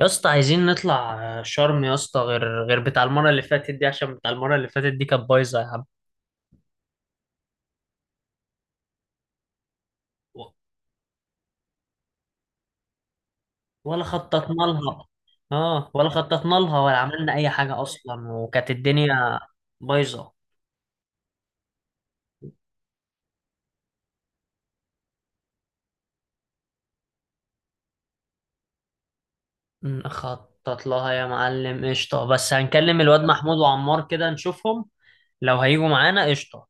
يا اسطى عايزين نطلع شرم يا اسطى غير بتاع المره اللي فاتت دي، عشان بتاع المره اللي فاتت دي كانت بايظه يا عم. و- ولا خططنا لها. اه، ولا خططنا لها ولا عملنا اي حاجه اصلا، وكانت الدنيا بايظه. نخطط لها يا معلم، قشطه. بس هنكلم الواد محمود وعمار كده نشوفهم لو هيجوا معانا، قشطه.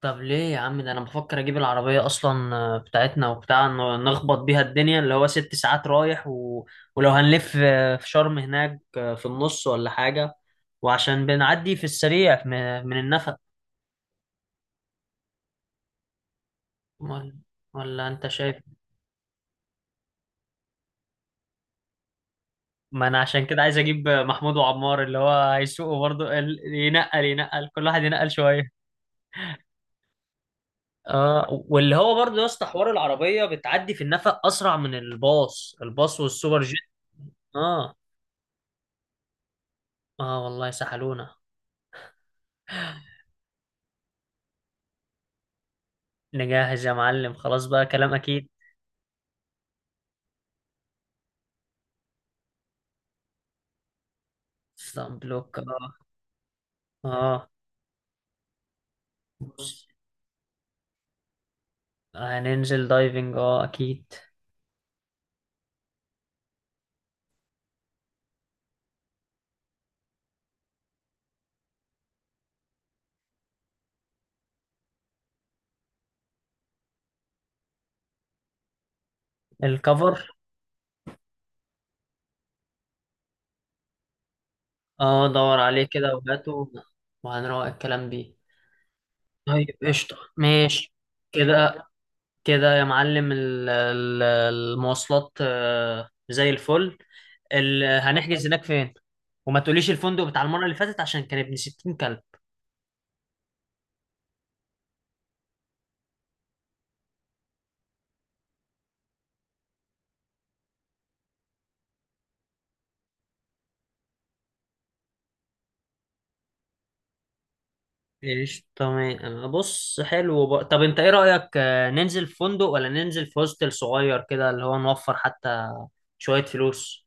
طب ليه يا عم؟ ده انا بفكر اجيب العربية اصلا، بتاعتنا، نخبط بيها الدنيا، اللي هو ست ساعات رايح. ولو هنلف في شرم هناك في النص ولا حاجة. وعشان بنعدي في السريع من النفق. ولا... ولا انت شايف؟ ما انا عشان كده عايز اجيب محمود وعمار، اللي هو هيسوقوا برضه. ينقل كل واحد ينقل شوية. اه، واللي هو برضه يا اسطى حوار العربية بتعدي في النفق اسرع من الباص والسوبر جيت. اه. اه والله سحلونا. نجهز يا معلم خلاص بقى، كلام اكيد. سان بلوك، اه. اه، بص، هننزل دايفنج اه اكيد. الكفر، اه دور عليه كده وهاته، وهنروق الكلام بيه. طيب قشطة، ماشي كده. كده يا معلم، المواصلات زي الفل. هنحجز هناك فين؟ وما تقوليش الفندق بتاع المرة اللي فاتت عشان كان ابن 60 كلب. ايش؟ تمام، بص حلو بقى. طب انت ايه رأيك، ننزل في فندق ولا ننزل في هوستل صغير كده، اللي هو نوفر حتى شوية فلوس؟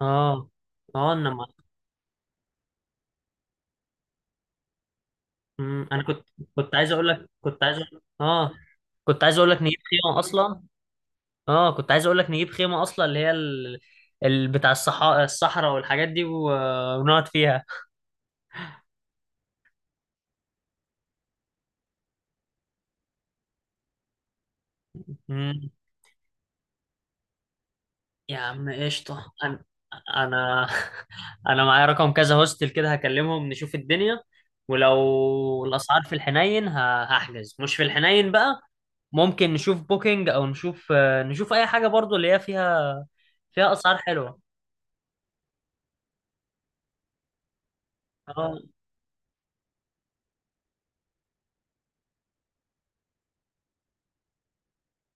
اه. اه، انما. انا كنت. كنت عايز اقول لك، اه كنت عايز اقول لك نجيب خيمة اصلا. اه كنت عايز اقول لك نجيب خيمة اصلا، اللي هي بتاع الصحراء، والحاجات دي، ونقعد فيها. يا عم قشطة. أنا، أنا أنا معايا رقم كذا هوستل كده، هكلمهم نشوف الدنيا. ولو الأسعار في الحنين، هحجز مش في الحنين بقى. ممكن نشوف بوكينج، أو نشوف نشوف أي حاجة برضو اللي هي فيها، فيها أسعار حلوة. اه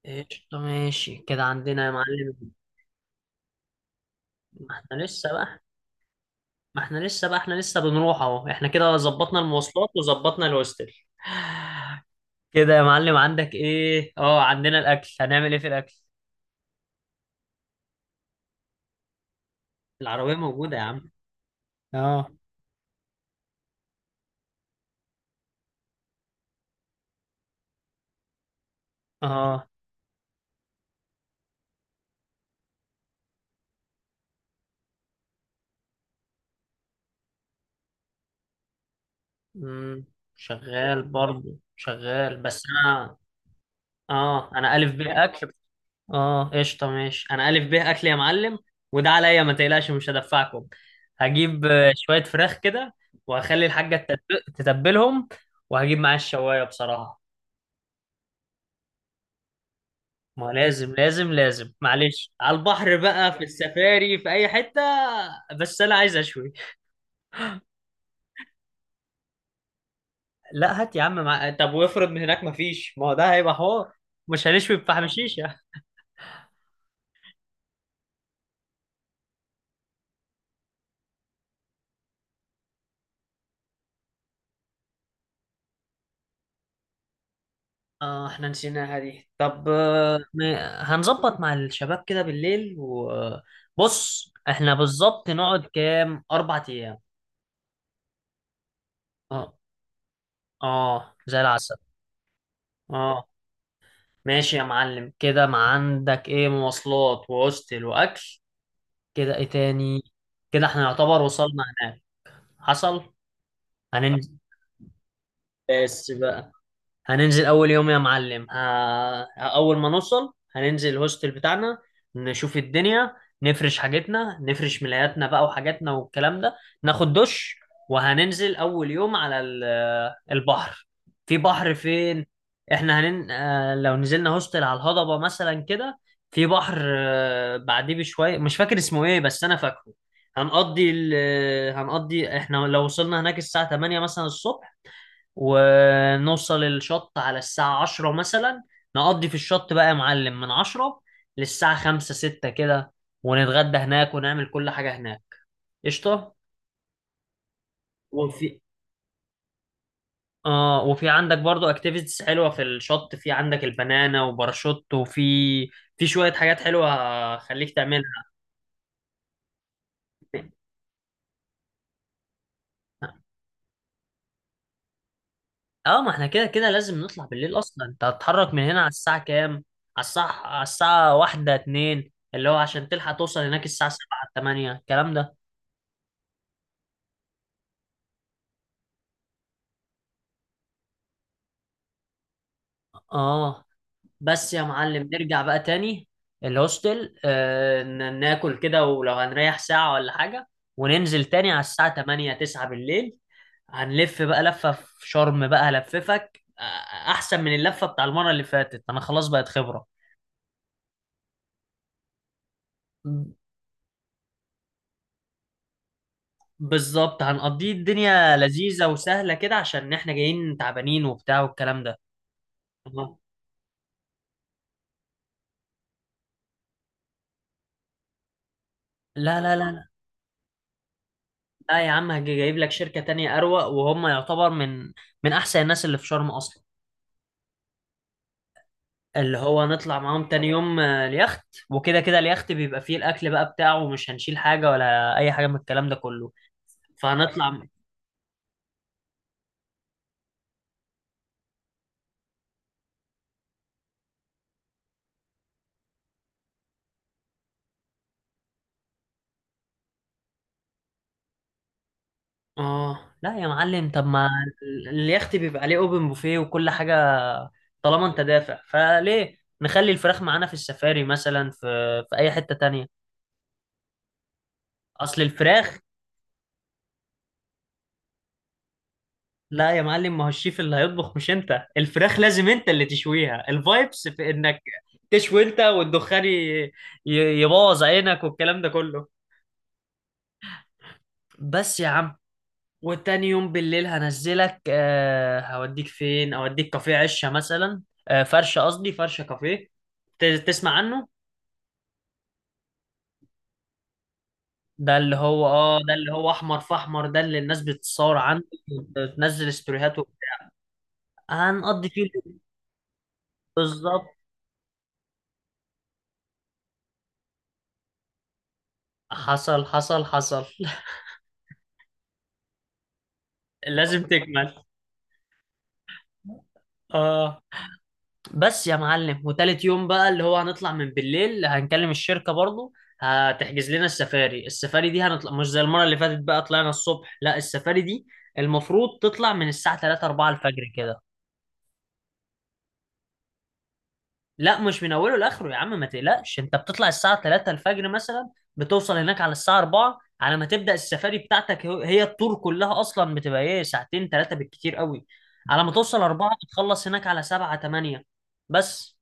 قشطة، ماشي كده عندنا يا معلم. ما احنا لسه بقى ما احنا لسه بقى، احنا لسه بنروح اهو. احنا كده ظبطنا المواصلات وظبطنا الهوستل. كده يا معلم، عندك ايه؟ اه، عندنا الاكل، هنعمل ايه في الاكل؟ العربية موجودة يا عم. اه. اه. مم. شغال، بس انا. اه انا الف ب اكل. اه قشطة ماشي، انا الف ب اكل يا معلم، وده عليا ما تقلقش، مش هدفعكم. هجيب شوية فراخ كده، وهخلي الحاجة تتبلهم، وهجيب معايا الشواية بصراحة. ما لازم، لازم لازم، معلش، على البحر بقى، في السفاري، في اي حتة. بس انا عايز اشوي. لا هات يا عم طب وافرض من هناك مفيش؟ ما هو ده هيبقى حوار، مش هنشوي بفحم شيشة. اه احنا نسيناها دي. طب هنظبط مع الشباب كده بالليل. وبص، احنا بالظبط نقعد كام، 4 ايام. اه. اه زي العسل. اه. ماشي يا معلم كده، ما عندك ايه، مواصلات وهوستل واكل. كده ايه تاني؟ كده احنا يعتبر وصلنا هناك. حصل. هننزل. بس بقى، هننزل اول يوم يا معلم. اول ما نوصل هننزل الهوستل بتاعنا، نشوف الدنيا، نفرش حاجتنا، نفرش ملاياتنا بقى وحاجاتنا والكلام ده، ناخد دش، وهننزل اول يوم على البحر. في بحر فين؟ احنا هنن... آه، لو نزلنا هوستل على الهضبة مثلا كده، في بحر بعديه بشوية، مش فاكر اسمه ايه بس انا فاكره. هنقضي ال... هنقضي احنا لو وصلنا هناك الساعة 8 مثلا الصبح، ونوصل الشط على الساعة 10 مثلا، نقضي في الشط بقى يا معلم من 10 للساعة 5 6 كده، ونتغدى هناك، ونعمل كل حاجة هناك، قشطة. وفي، اه وفي عندك برضو اكتيفيتيز حلوة في الشط، في عندك البنانا وباراشوت، وفي، في شوية حاجات حلوة هخليك تعملها. اه. ما احنا كده كده لازم نطلع بالليل اصلا. انت هتتحرك من هنا على الساعة كام؟ على الساعة، على الساعة 1 2، اللي هو عشان تلحق توصل هناك الساعة 7 8 الكلام ده. اه. بس يا معلم، نرجع بقى تاني الهوستل، آه ناكل كده، ولو هنريح ساعة ولا حاجة، وننزل تاني على الساعة 8 9 بالليل. هنلف بقى لفة في شرم بقى، هلففك احسن من اللفة بتاع المرة اللي فاتت، انا خلاص بقت خبرة. بالظبط، هنقضيه الدنيا لذيذة وسهلة كده، عشان احنا جايين تعبانين وبتاع والكلام ده. أها. لا لا لا لا. لا يا عم، جايب لك شركة تانية أروق، وهم يعتبر من من أحسن الناس اللي في شرم أصلا. اللي هو نطلع معاهم تاني يوم اليخت. وكده كده اليخت بيبقى فيه الأكل بقى بتاعه، ومش هنشيل حاجة ولا أي حاجة من الكلام ده كله. فهنطلع. اه لا يا معلم. طب ما اليخت بيبقى عليه اوبن بوفيه وكل حاجه، طالما انت دافع فليه، نخلي الفراخ معانا في السفاري مثلا، في في اي حته تانية. اصل الفراخ، لا يا معلم، ما هو الشيف اللي هيطبخ مش انت. الفراخ لازم انت اللي تشويها، الفايبس في انك تشوي انت، والدخان يبوظ عينك والكلام ده كله. بس يا عم. وتاني يوم بالليل هنزلك، آه هوديك فين، اوديك كافيه عشة مثلا، فرشة كافيه، تسمع عنه. ده اللي هو، اه ده اللي هو احمر في احمر، ده اللي الناس بتتصور عنه. وتنزل ستوريهات وبتاع. هنقضي فيه اليوم. بالظبط. حصل حصل حصل. لازم تكمل. اه. بس يا معلم، وتالت يوم بقى، اللي هو هنطلع من بالليل، هنكلم الشركة برضو، هتحجز لنا السفاري. السفاري دي هنطلع مش زي المرة اللي فاتت بقى، طلعنا الصبح. لا، السفاري دي المفروض تطلع من الساعة 3 4 الفجر كده. لا مش من اوله لاخره يا عم، ما تقلقش، انت بتطلع الساعة 3 الفجر مثلا، بتوصل هناك على الساعة 4، على ما تبدأ السفاري بتاعتك، هي الطور كلها اصلا بتبقى ايه، 2 3 ساعات بالكتير قوي. على ما توصل 4، بتخلص هناك على 7 8. بس.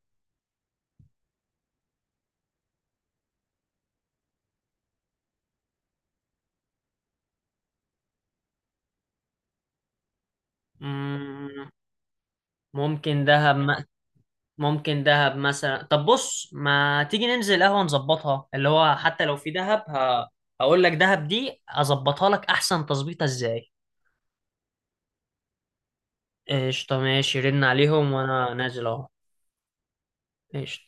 مم. ممكن دهب. ممكن دهب مثلا. طب بص، ما تيجي ننزل قهوة نظبطها، اللي هو حتى لو في دهب، هقول لك دهب دي اظبطها لك احسن تظبيطة ازاي. قشطة ماشي، رن عليهم وانا نازل اهو. قشطة.